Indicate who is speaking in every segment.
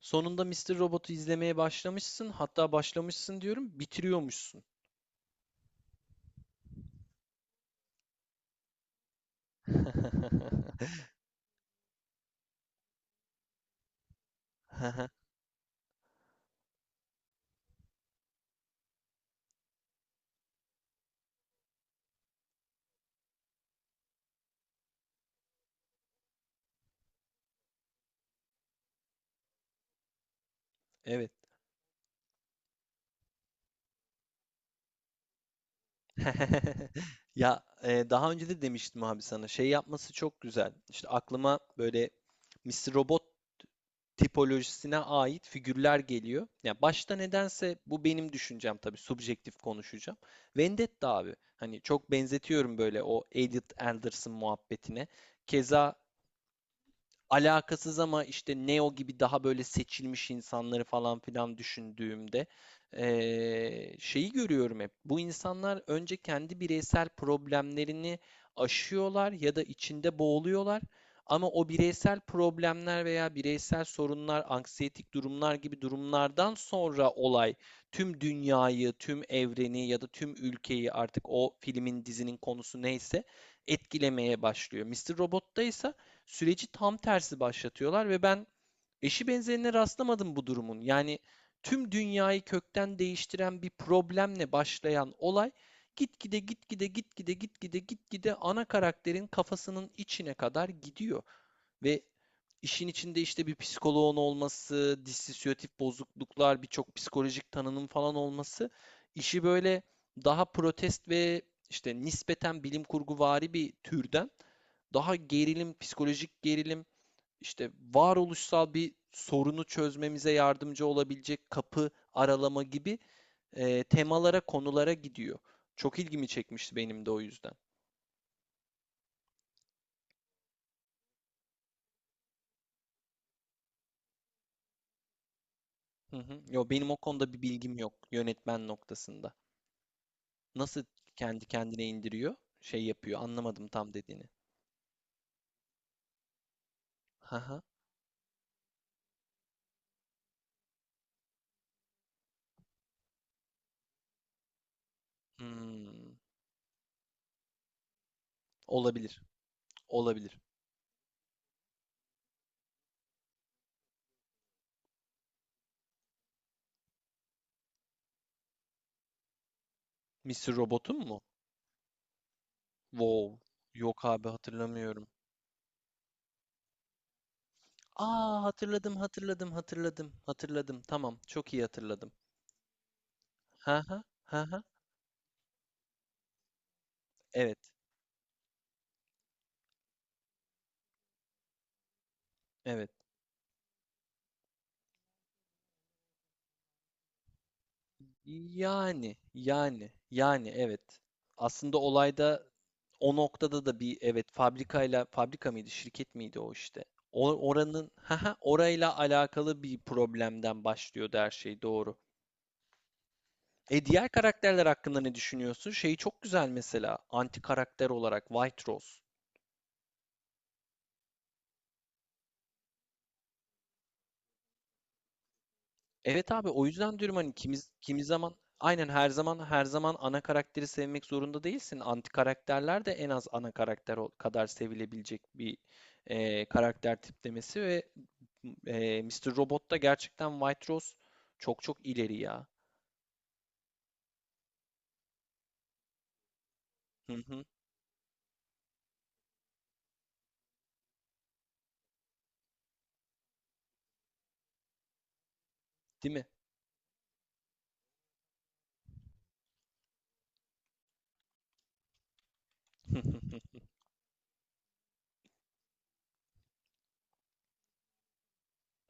Speaker 1: Sonunda Mister Robot'u izlemeye başlamışsın. Hatta başlamışsın diyorum, bitiriyormuşsun. Evet. Daha önce de demiştim abi sana. Şey yapması çok güzel. İşte aklıma böyle Mister Robot tipolojisine ait figürler geliyor. Ya başta nedense bu benim düşüncem, tabii subjektif konuşacağım. Vendetta abi. Hani çok benzetiyorum böyle o Elliot Anderson muhabbetine. Keza alakasız ama işte Neo gibi daha böyle seçilmiş insanları falan filan düşündüğümde şeyi görüyorum hep. Bu insanlar önce kendi bireysel problemlerini aşıyorlar ya da içinde boğuluyorlar. Ama o bireysel problemler veya bireysel sorunlar, anksiyetik durumlar gibi durumlardan sonra olay tüm dünyayı, tüm evreni ya da tüm ülkeyi, artık o filmin, dizinin konusu neyse, etkilemeye başlıyor. Mister Robot'ta ise süreci tam tersi başlatıyorlar ve ben eşi benzerine rastlamadım bu durumun. Yani tüm dünyayı kökten değiştiren bir problemle başlayan olay gitgide ana karakterin kafasının içine kadar gidiyor ve işin içinde işte bir psikoloğun olması, dissosiyatif bozukluklar, birçok psikolojik tanının falan olması işi böyle daha protest ve işte nispeten bilim kurguvari bir türden daha gerilim, psikolojik gerilim, işte varoluşsal bir sorunu çözmemize yardımcı olabilecek kapı aralama gibi temalara, konulara gidiyor. Çok ilgimi çekmişti benim de o yüzden. Hı hı. Yo, benim o konuda bir bilgim yok yönetmen noktasında. Nasıl kendi kendine indiriyor? Şey yapıyor. Anlamadım tam dediğini. Haha. Hmm. Olabilir. Olabilir. Mr. Robot'un mu? Wow. Yok abi hatırlamıyorum. Aa, hatırladım hatırladım hatırladım hatırladım. Tamam, çok iyi hatırladım. Ha ha ha ha. Evet. Evet. Yani yani yani evet. Aslında olayda o noktada da bir, evet, fabrikayla, fabrika mıydı şirket miydi o işte. O, oranın, ha ha, orayla alakalı bir problemden başlıyordu her şey, doğru. E, diğer karakterler hakkında ne düşünüyorsun? Şeyi çok güzel mesela, anti karakter olarak White Rose. Evet abi, o yüzden diyorum hani kimi zaman aynen, her zaman ana karakteri sevmek zorunda değilsin. Anti karakterler de en az ana karakter kadar sevilebilecek bir karakter tiplemesi ve Mr. Robot da gerçekten White Rose çok ileri ya. Hı hı, değil mi?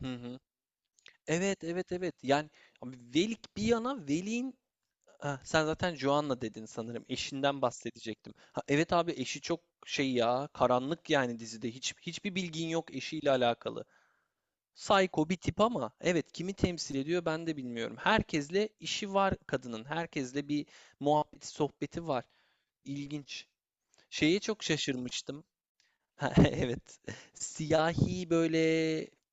Speaker 1: Hı hı. Evet evet evet yani abi, Velik bir yana, Velik'in... Ha, sen zaten Joanna dedin sanırım. Eşinden bahsedecektim. Ha, evet abi, eşi çok şey ya, karanlık, yani dizide. Hiç hiçbir bilgin yok eşiyle alakalı. Psycho bir tip ama evet, kimi temsil ediyor ben de bilmiyorum. Herkesle işi var kadının. Herkesle bir muhabbeti sohbeti var. İlginç. Şeye çok şaşırmıştım. Ha, evet. Siyahi böyle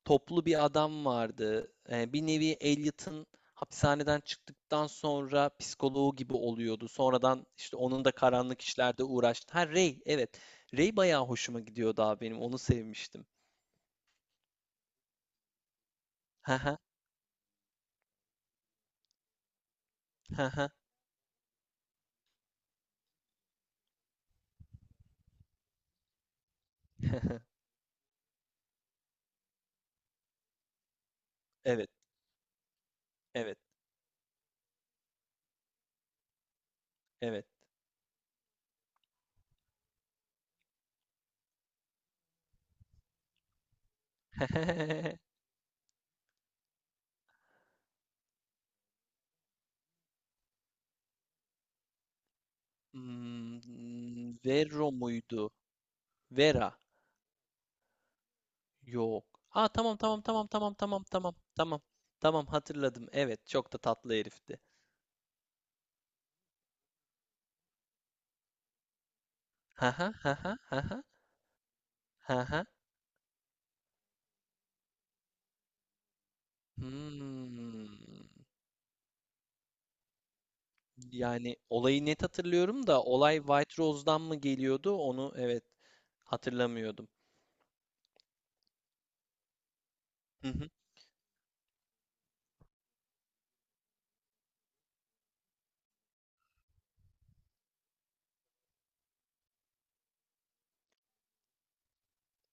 Speaker 1: toplu bir adam vardı. Bir nevi Elliot'ın hapishaneden çıktıktan sonra psikoloğu gibi oluyordu. Sonradan işte onun da karanlık işlerde uğraştı. Ha, Ray, evet. Ray bayağı hoşuma gidiyordu abi benim. Onu sevmiştim. Ha ha ha ha. Evet, evet, evet. Hmm, Vero muydu? Vera. Yok. Aa, tamam tamam tamam tamam tamam tamam tamam. Tamam, hatırladım. Evet, çok da tatlı herifti. Ha ha ha ha ha ha ha. Hmm. Yani olayı net hatırlıyorum da olay White Rose'dan mı geliyordu onu evet. hatırlamıyordum. Hı hı.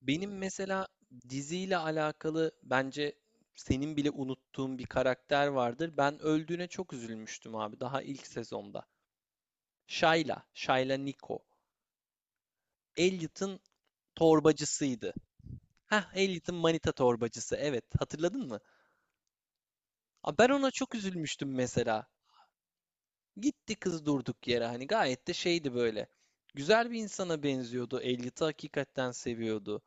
Speaker 1: Benim mesela diziyle alakalı bence senin bile unuttuğun bir karakter vardır. Ben öldüğüne çok üzülmüştüm abi, daha ilk sezonda. Shayla, Shayla Nico. Elliot'ın torbacısıydı. Heh, Elliot'ın manita torbacısı. Evet, hatırladın mı? Aa, ben ona çok üzülmüştüm mesela. Gitti kız durduk yere, hani gayet de şeydi böyle. Güzel bir insana benziyordu. Elliot'ı hakikaten seviyordu.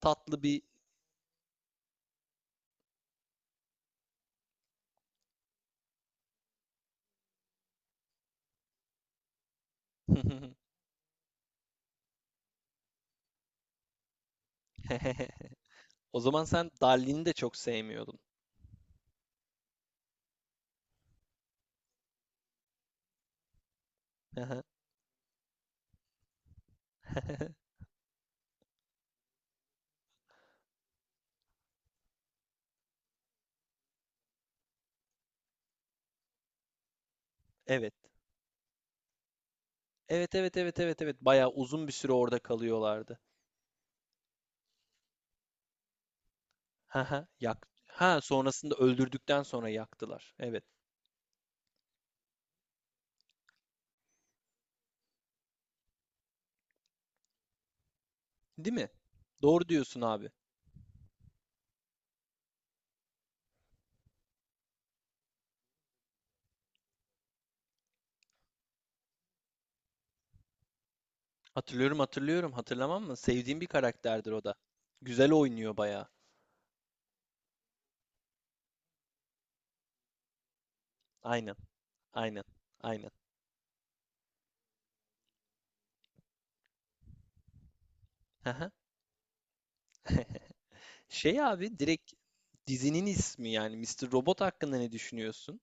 Speaker 1: Tatlı bir... O zaman sen Darlin'i de çok sevmiyordun. Evet. Evet evet evet evet evet. Bayağı uzun bir süre orada kalıyorlardı. Yak. Ha, sonrasında öldürdükten sonra yaktılar. Evet. Değil mi? Doğru diyorsun abi. Hatırlıyorum hatırlıyorum. Hatırlamam mı? Sevdiğim bir karakterdir o da. Güzel oynuyor bayağı. Aynen. Aynen. Aynen. Haha. Şey abi, direkt dizinin ismi yani Mister Robot hakkında ne düşünüyorsun?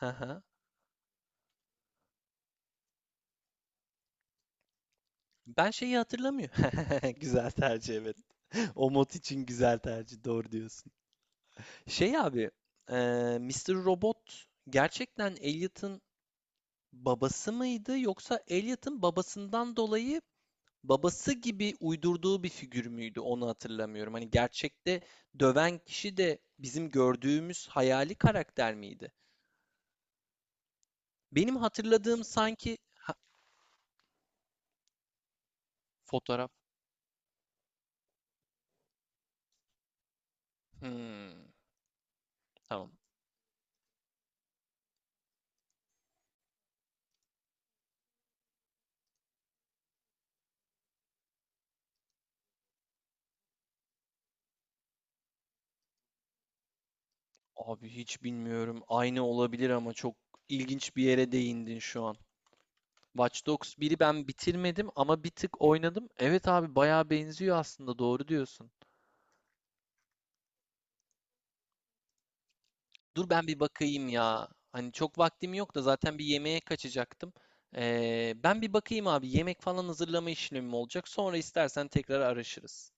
Speaker 1: Haha. Ben şeyi hatırlamıyorum. Güzel tercih, evet. O mod için güzel tercih. Doğru diyorsun. Şey abi, Mr. Robot gerçekten Elliot'ın babası mıydı yoksa Elliot'ın babasından dolayı babası gibi uydurduğu bir figür müydü, onu hatırlamıyorum. Hani gerçekte döven kişi de bizim gördüğümüz hayali karakter miydi? Benim hatırladığım sanki... Ha, fotoğraf. Hmm, tamam. Abi hiç bilmiyorum. Aynı olabilir ama çok ilginç bir yere değindin şu an. Watch Dogs biri ben bitirmedim ama bir tık oynadım. Evet abi, bayağı benziyor aslında, doğru diyorsun. Dur ben bir bakayım ya. Hani çok vaktim yok da, zaten bir yemeğe kaçacaktım. Ben bir bakayım abi. Yemek falan hazırlama işlemim olacak. Sonra istersen tekrar araşırız.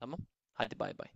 Speaker 1: Tamam? Hadi bay bay.